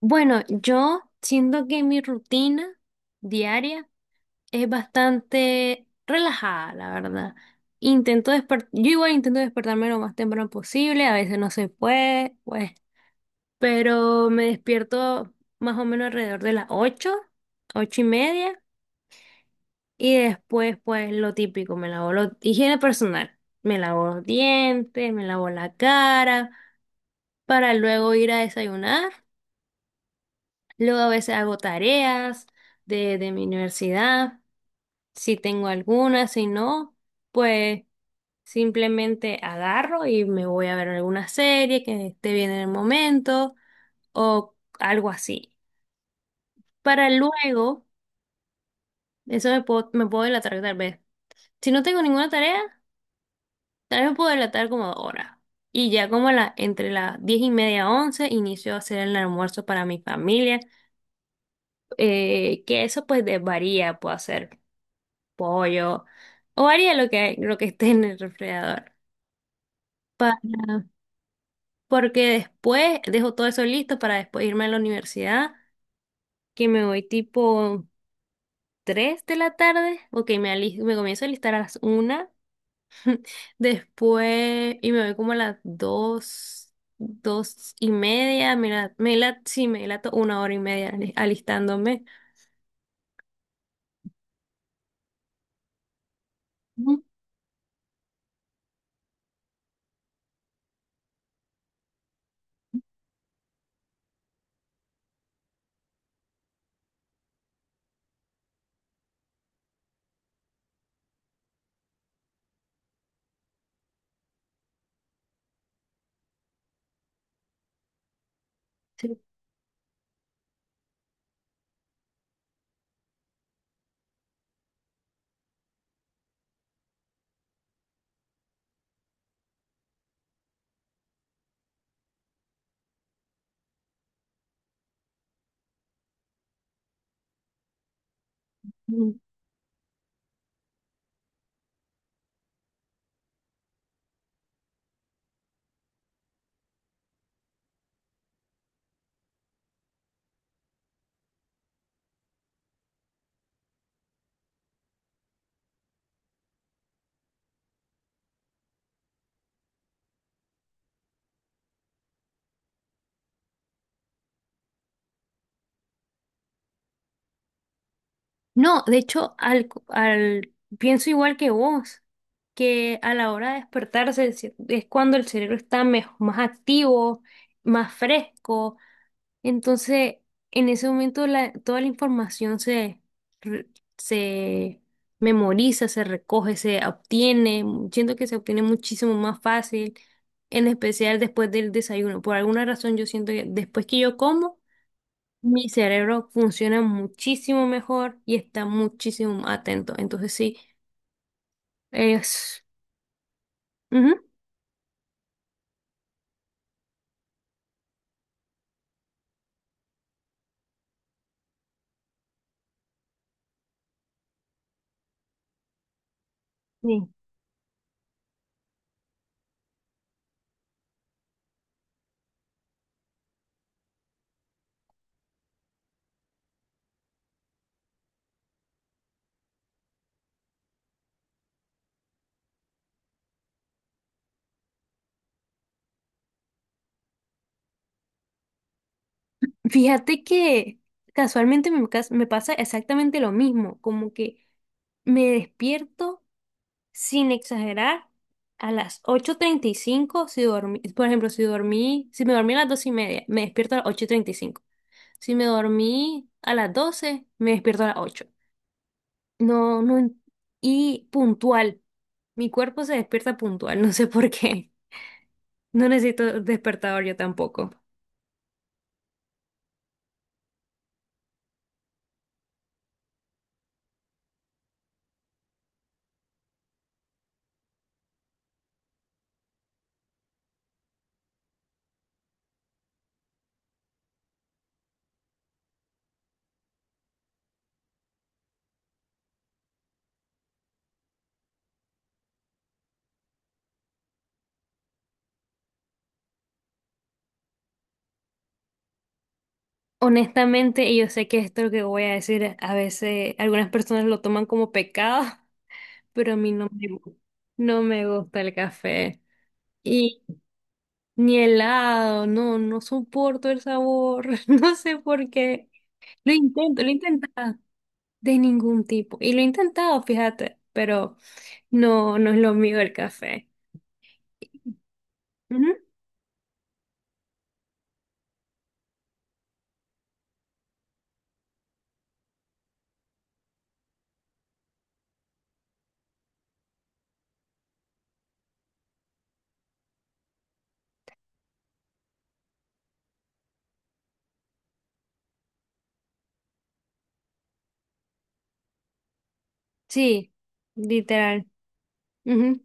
Bueno, yo siento que mi rutina diaria es bastante relajada, la verdad. Yo igual intento despertarme lo más temprano posible. A veces no se puede, pues, pero me despierto más o menos alrededor de las 8, 8:30. Y después, pues, lo típico: higiene personal, me lavo los dientes, me lavo la cara, para luego ir a desayunar. Luego a veces hago tareas de mi universidad, si tengo alguna. Si no, pues simplemente agarro y me voy a ver alguna serie que esté bien en el momento, o algo así. Para luego, eso me puedo delatar tal vez. Si no tengo ninguna tarea, tal vez me puedo delatar como ahora. Y ya como a la, entre las 10:30, 11, inicio a hacer el almuerzo para mi familia. Que eso pues varía, puedo hacer pollo, o haría lo que esté en el refrigerador. Para, porque después dejo todo eso listo para después irme a la universidad, que me voy tipo 3 de la tarde. Ok, me comienzo a listar a las una, después, y me voy como a las 2, 2:30. Me la, sí, me la to- Una hora y media alistándome. Ujú. Sí. No, de hecho, al, al pienso igual que vos, que a la hora de despertarse, es cuando el cerebro está más activo, más fresco. Entonces, en ese momento toda la información re- se memoriza, se recoge, se obtiene. Siento que se obtiene muchísimo más fácil, en especial después del desayuno. Por alguna razón, yo siento que después que yo como, mi cerebro funciona muchísimo mejor y está muchísimo más atento. Entonces sí, es... Ujú, sí. Fíjate que casualmente me pasa exactamente lo mismo, como que me despierto sin exagerar a las 8:35 si dormí. Por ejemplo, si me dormí a las 2:30, me despierto a las 8:35. Si me dormí a las 12, me despierto a las 8. No, no. Y puntual. Mi cuerpo se despierta puntual, no sé por qué. No necesito despertador yo tampoco. Honestamente, y yo sé que esto lo que voy a decir, a veces algunas personas lo toman como pecado, pero a mí no me gusta el café. Y ni helado, no, no soporto el sabor, no sé por qué. Lo intento, lo he intentado de ningún tipo. Y lo he intentado, fíjate, pero no, no es lo mío el café. Sí, literal. Ujú,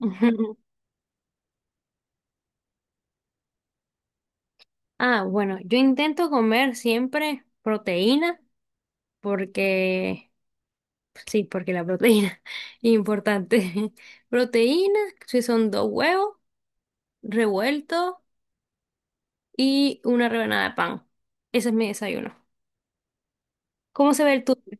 ujú. Ah, bueno, yo intento comer siempre proteína, porque, pues sí, porque la proteína es importante. Proteína, si son dos huevos revueltos y una rebanada de pan. Ese es mi desayuno. ¿Cómo se ve el tuyo?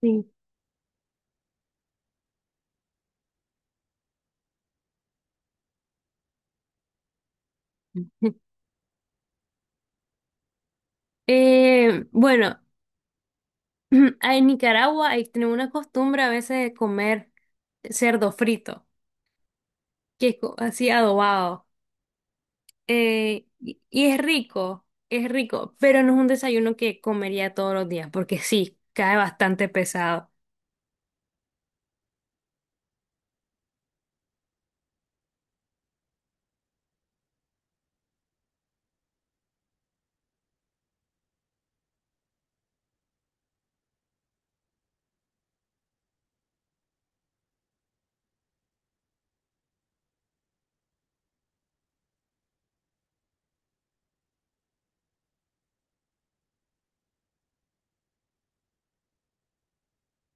Sí. Bueno, en Nicaragua hay tenemos una costumbre a veces de comer cerdo frito, que es así adobado. Y es rico, pero no es un desayuno que comería todos los días, porque sí, cae bastante pesado.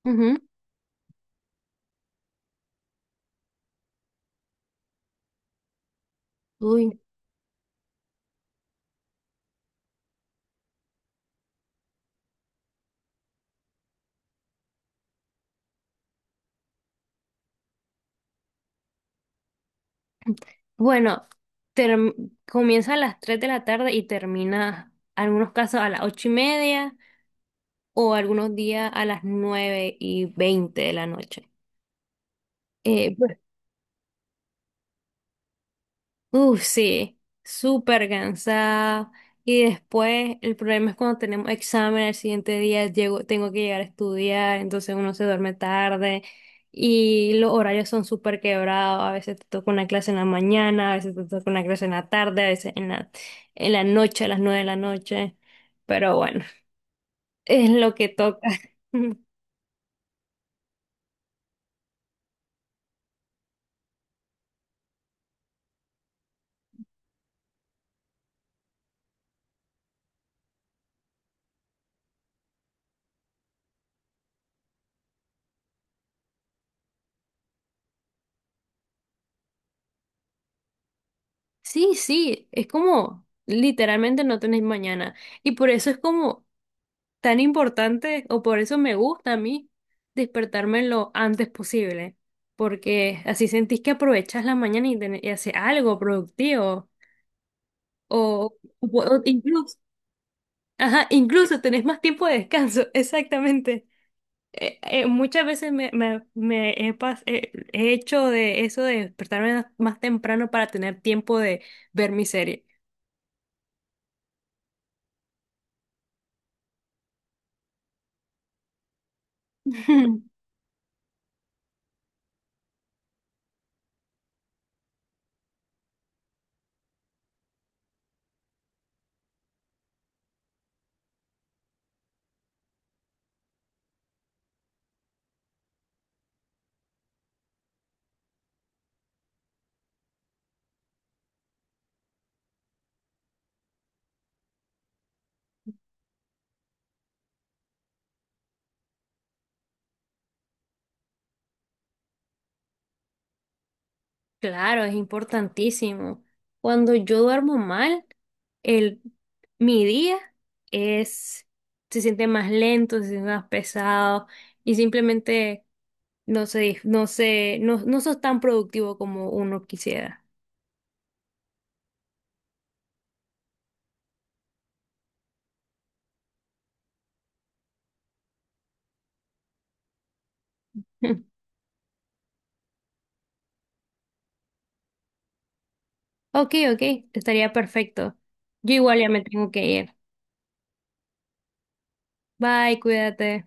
Ujú. Uy. Bueno, comienza a las 3 de la tarde y termina, algunos casos, a las 8:30, o algunos días a las 9:20 de la noche. Eh, Uf, sí, súper cansada. Y después el problema es cuando tenemos examen el siguiente día, llego, tengo que llegar a estudiar, entonces uno se duerme tarde, y los horarios son súper quebrados. A veces te toca una clase en la mañana, a veces te toca una clase en la tarde, a veces en la noche, a las 9 de la noche. Pero bueno, es lo que toca. Sí, sí, es como literalmente no tenés mañana. Y por eso es como... tan importante, o por eso me gusta a mí despertarme lo antes posible, porque así sentís que aprovechas la mañana y, y haces algo productivo. O, o incluso, ajá, incluso tenés más tiempo de descanso, exactamente. Muchas veces he hecho de eso de despertarme más temprano para tener tiempo de ver mi serie. Claro, es importantísimo. Cuando yo duermo mal, el, mi día es, se siente más lento, se siente más pesado, y simplemente no sé, no, no sos tan productivo como uno quisiera. Ok, ok, estaría perfecto. Yo igual ya me tengo que ir. Bye, cuídate.